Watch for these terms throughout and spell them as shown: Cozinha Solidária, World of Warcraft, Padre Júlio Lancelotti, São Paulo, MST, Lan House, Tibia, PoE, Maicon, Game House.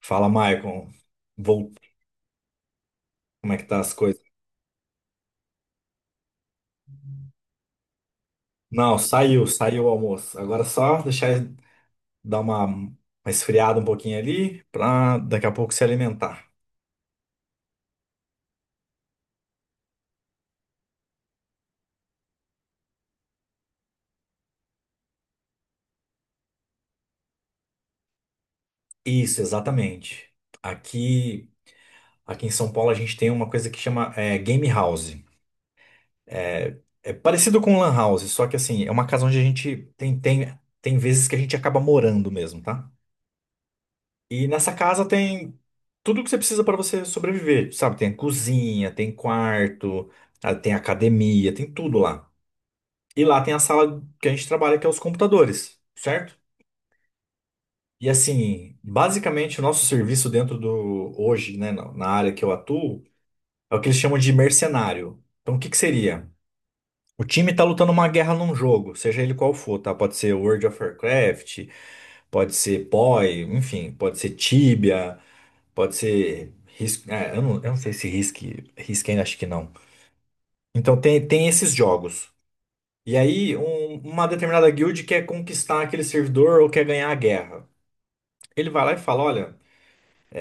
Fala, Maicon. Voltou. Como é que tá as coisas? Não, saiu, saiu o almoço. Agora é só deixar dar uma esfriada um pouquinho ali pra daqui a pouco se alimentar. Isso, exatamente. Aqui, aqui em São Paulo a gente tem uma coisa que chama Game House. É, é parecido com Lan House, só que assim, é uma casa onde a gente tem, tem vezes que a gente acaba morando mesmo, tá? E nessa casa tem tudo que você precisa para você sobreviver, sabe? Tem a cozinha, tem quarto, tem academia, tem tudo lá. E lá tem a sala que a gente trabalha, que é os computadores, certo? E assim, basicamente o nosso serviço dentro do hoje, né, na área que eu atuo, é o que eles chamam de mercenário. Então, o que que seria? O time tá lutando uma guerra num jogo, seja ele qual for, tá? Pode ser World of Warcraft, pode ser P o PoE, enfim, pode ser Tibia. Pode ser risco. Eu não sei se risque ainda acho que não. Então tem esses jogos. E aí, uma determinada guild quer conquistar aquele servidor ou quer ganhar a guerra. Ele vai lá e fala: Olha,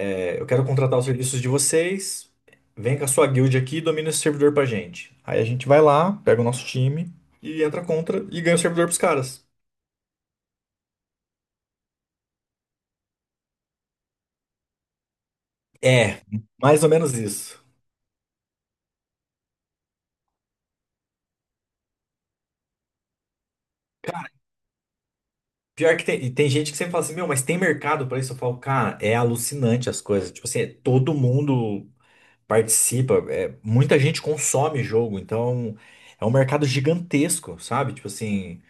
eu quero contratar os serviços de vocês. Vem com a sua guild aqui e domina esse servidor pra gente. Aí a gente vai lá, pega o nosso time e entra contra e ganha o servidor pros caras. É, mais ou menos isso. Pior que tem, e tem gente que sempre fala assim, meu, mas tem mercado pra isso? Eu falo, cara, é alucinante as coisas. Tipo assim, é todo mundo participa, é, muita gente consome jogo, então é um mercado gigantesco, sabe? Tipo assim,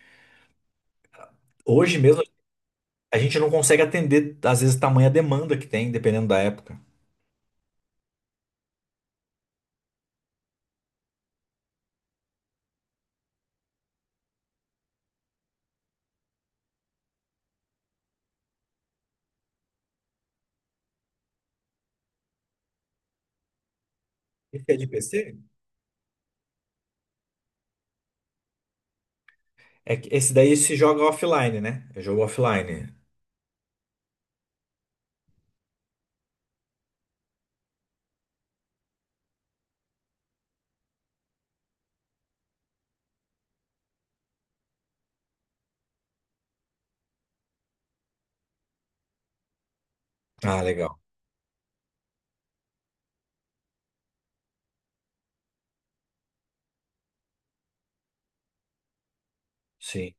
hoje mesmo a gente não consegue atender, às vezes, tamanha demanda que tem, dependendo da época. Esse é de PC? É que esse daí se joga offline, né? É jogo offline. Ah, legal. Sim.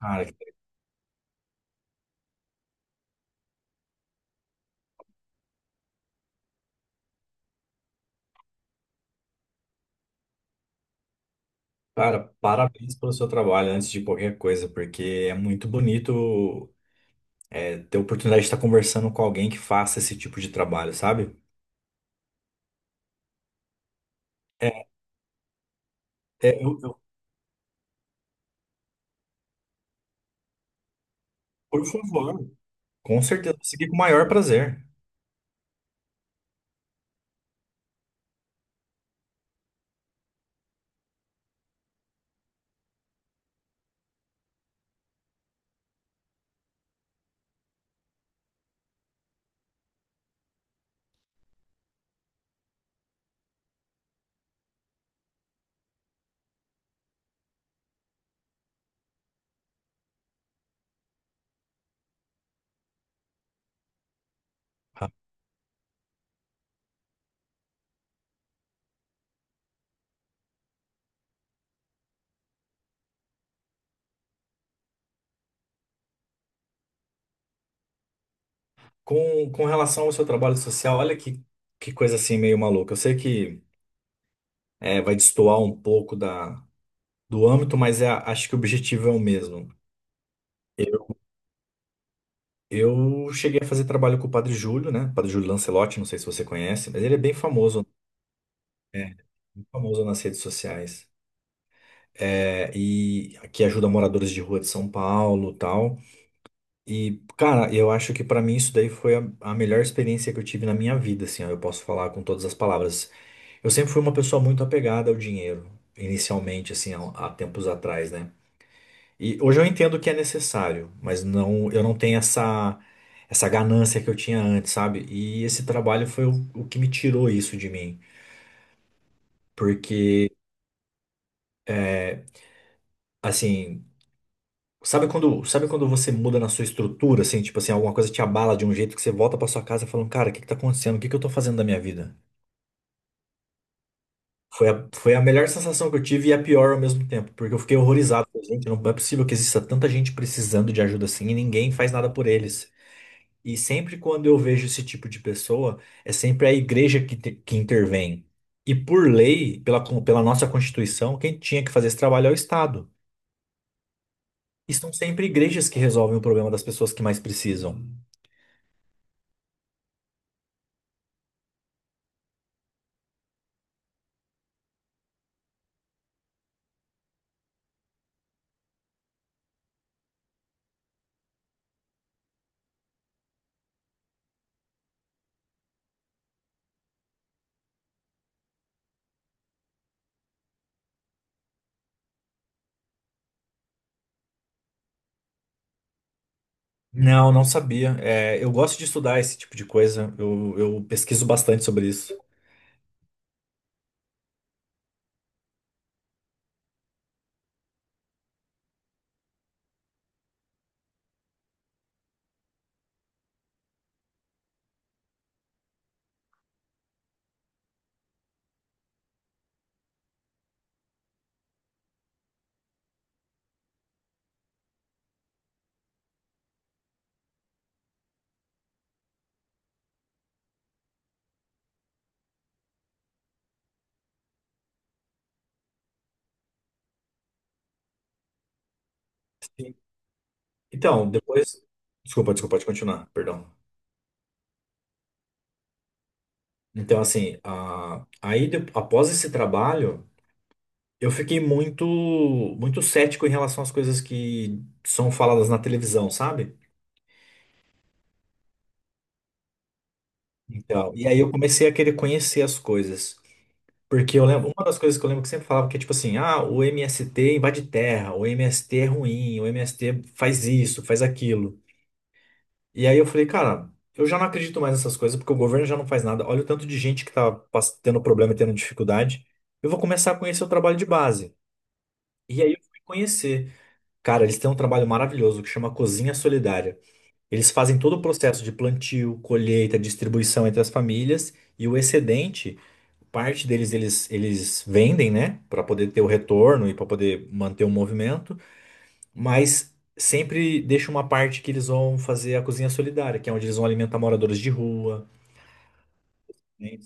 Cara, cara, parabéns pelo seu trabalho antes de qualquer coisa, porque é muito bonito é, ter a oportunidade de estar conversando com alguém que faça esse tipo de trabalho, sabe? É, é, por favor. Com certeza, vou seguir com o maior prazer. Tá? Com relação ao seu trabalho social, olha que coisa assim meio maluca. Eu sei que é, vai destoar um pouco da, do âmbito, mas é, acho que o objetivo é o mesmo. Eu, eu cheguei a fazer trabalho com o Padre Júlio, né? Padre Júlio Lancelotti, não sei se você conhece, mas ele é, bem famoso nas redes sociais. É, e que ajuda moradores de rua de São Paulo, tal. E, cara, eu acho que pra mim isso daí foi a melhor experiência que eu tive na minha vida, assim, ó, eu posso falar com todas as palavras. Eu sempre fui uma pessoa muito apegada ao dinheiro, inicialmente, assim, há tempos atrás, né? E hoje eu entendo que é necessário, mas não, eu não tenho essa ganância que eu tinha antes, sabe? E esse trabalho foi o que me tirou isso de mim, porque, é, assim. Sabe quando você muda na sua estrutura, assim, tipo assim, alguma coisa te abala de um jeito que você volta pra sua casa falando, cara, o que que tá acontecendo? O que que eu tô fazendo da minha vida? Foi a melhor sensação que eu tive e a pior ao mesmo tempo, porque eu fiquei horrorizado. Falei, gente, não é possível que exista tanta gente precisando de ajuda assim e ninguém faz nada por eles. E sempre quando eu vejo esse tipo de pessoa, é sempre a igreja que intervém. E por lei, pela nossa Constituição, quem tinha que fazer esse trabalho é o Estado. E são sempre igrejas que resolvem o problema das pessoas que mais precisam. Não, não sabia. É, eu gosto de estudar esse tipo de coisa. Eu pesquiso bastante sobre isso. Sim. Então, depois. Desculpa, pode continuar, perdão. Então, assim, após esse trabalho, eu fiquei muito cético em relação às coisas que são faladas na televisão, sabe? Então, e aí eu comecei a querer conhecer as coisas. Porque eu lembro, uma das coisas que eu lembro que sempre falava que é tipo assim, ah, o MST invade terra, o MST é ruim, o MST faz isso, faz aquilo. E aí eu falei, cara, eu já não acredito mais nessas coisas, porque o governo já não faz nada. Olha o tanto de gente que tá tendo problema e tendo dificuldade. Eu vou começar a conhecer o trabalho de base. E aí eu fui conhecer. Cara, eles têm um trabalho maravilhoso que chama Cozinha Solidária. Eles fazem todo o processo de plantio, colheita, distribuição entre as famílias e o excedente, parte deles eles vendem, né, para poder ter o retorno e para poder manter o movimento. Mas sempre deixa uma parte que eles vão fazer a cozinha solidária, que é onde eles vão alimentar moradores de rua. Né?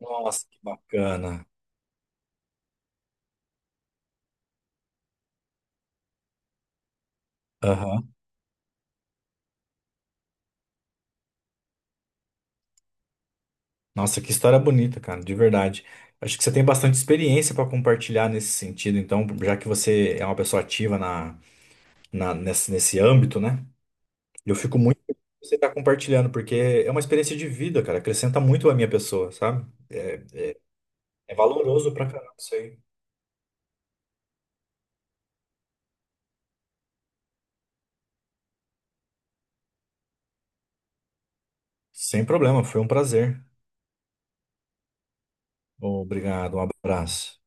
Nossa, que bacana. Aham. Nossa, que história bonita, cara, de verdade. Acho que você tem bastante experiência para compartilhar nesse sentido, então, já que você é uma pessoa ativa nesse, nesse âmbito, né? Eu fico muito feliz que você está compartilhando, porque é uma experiência de vida, cara, acrescenta muito à minha pessoa, sabe? É, é valoroso pra caramba isso aí. Sem problema, foi um prazer. Obrigado, um abraço.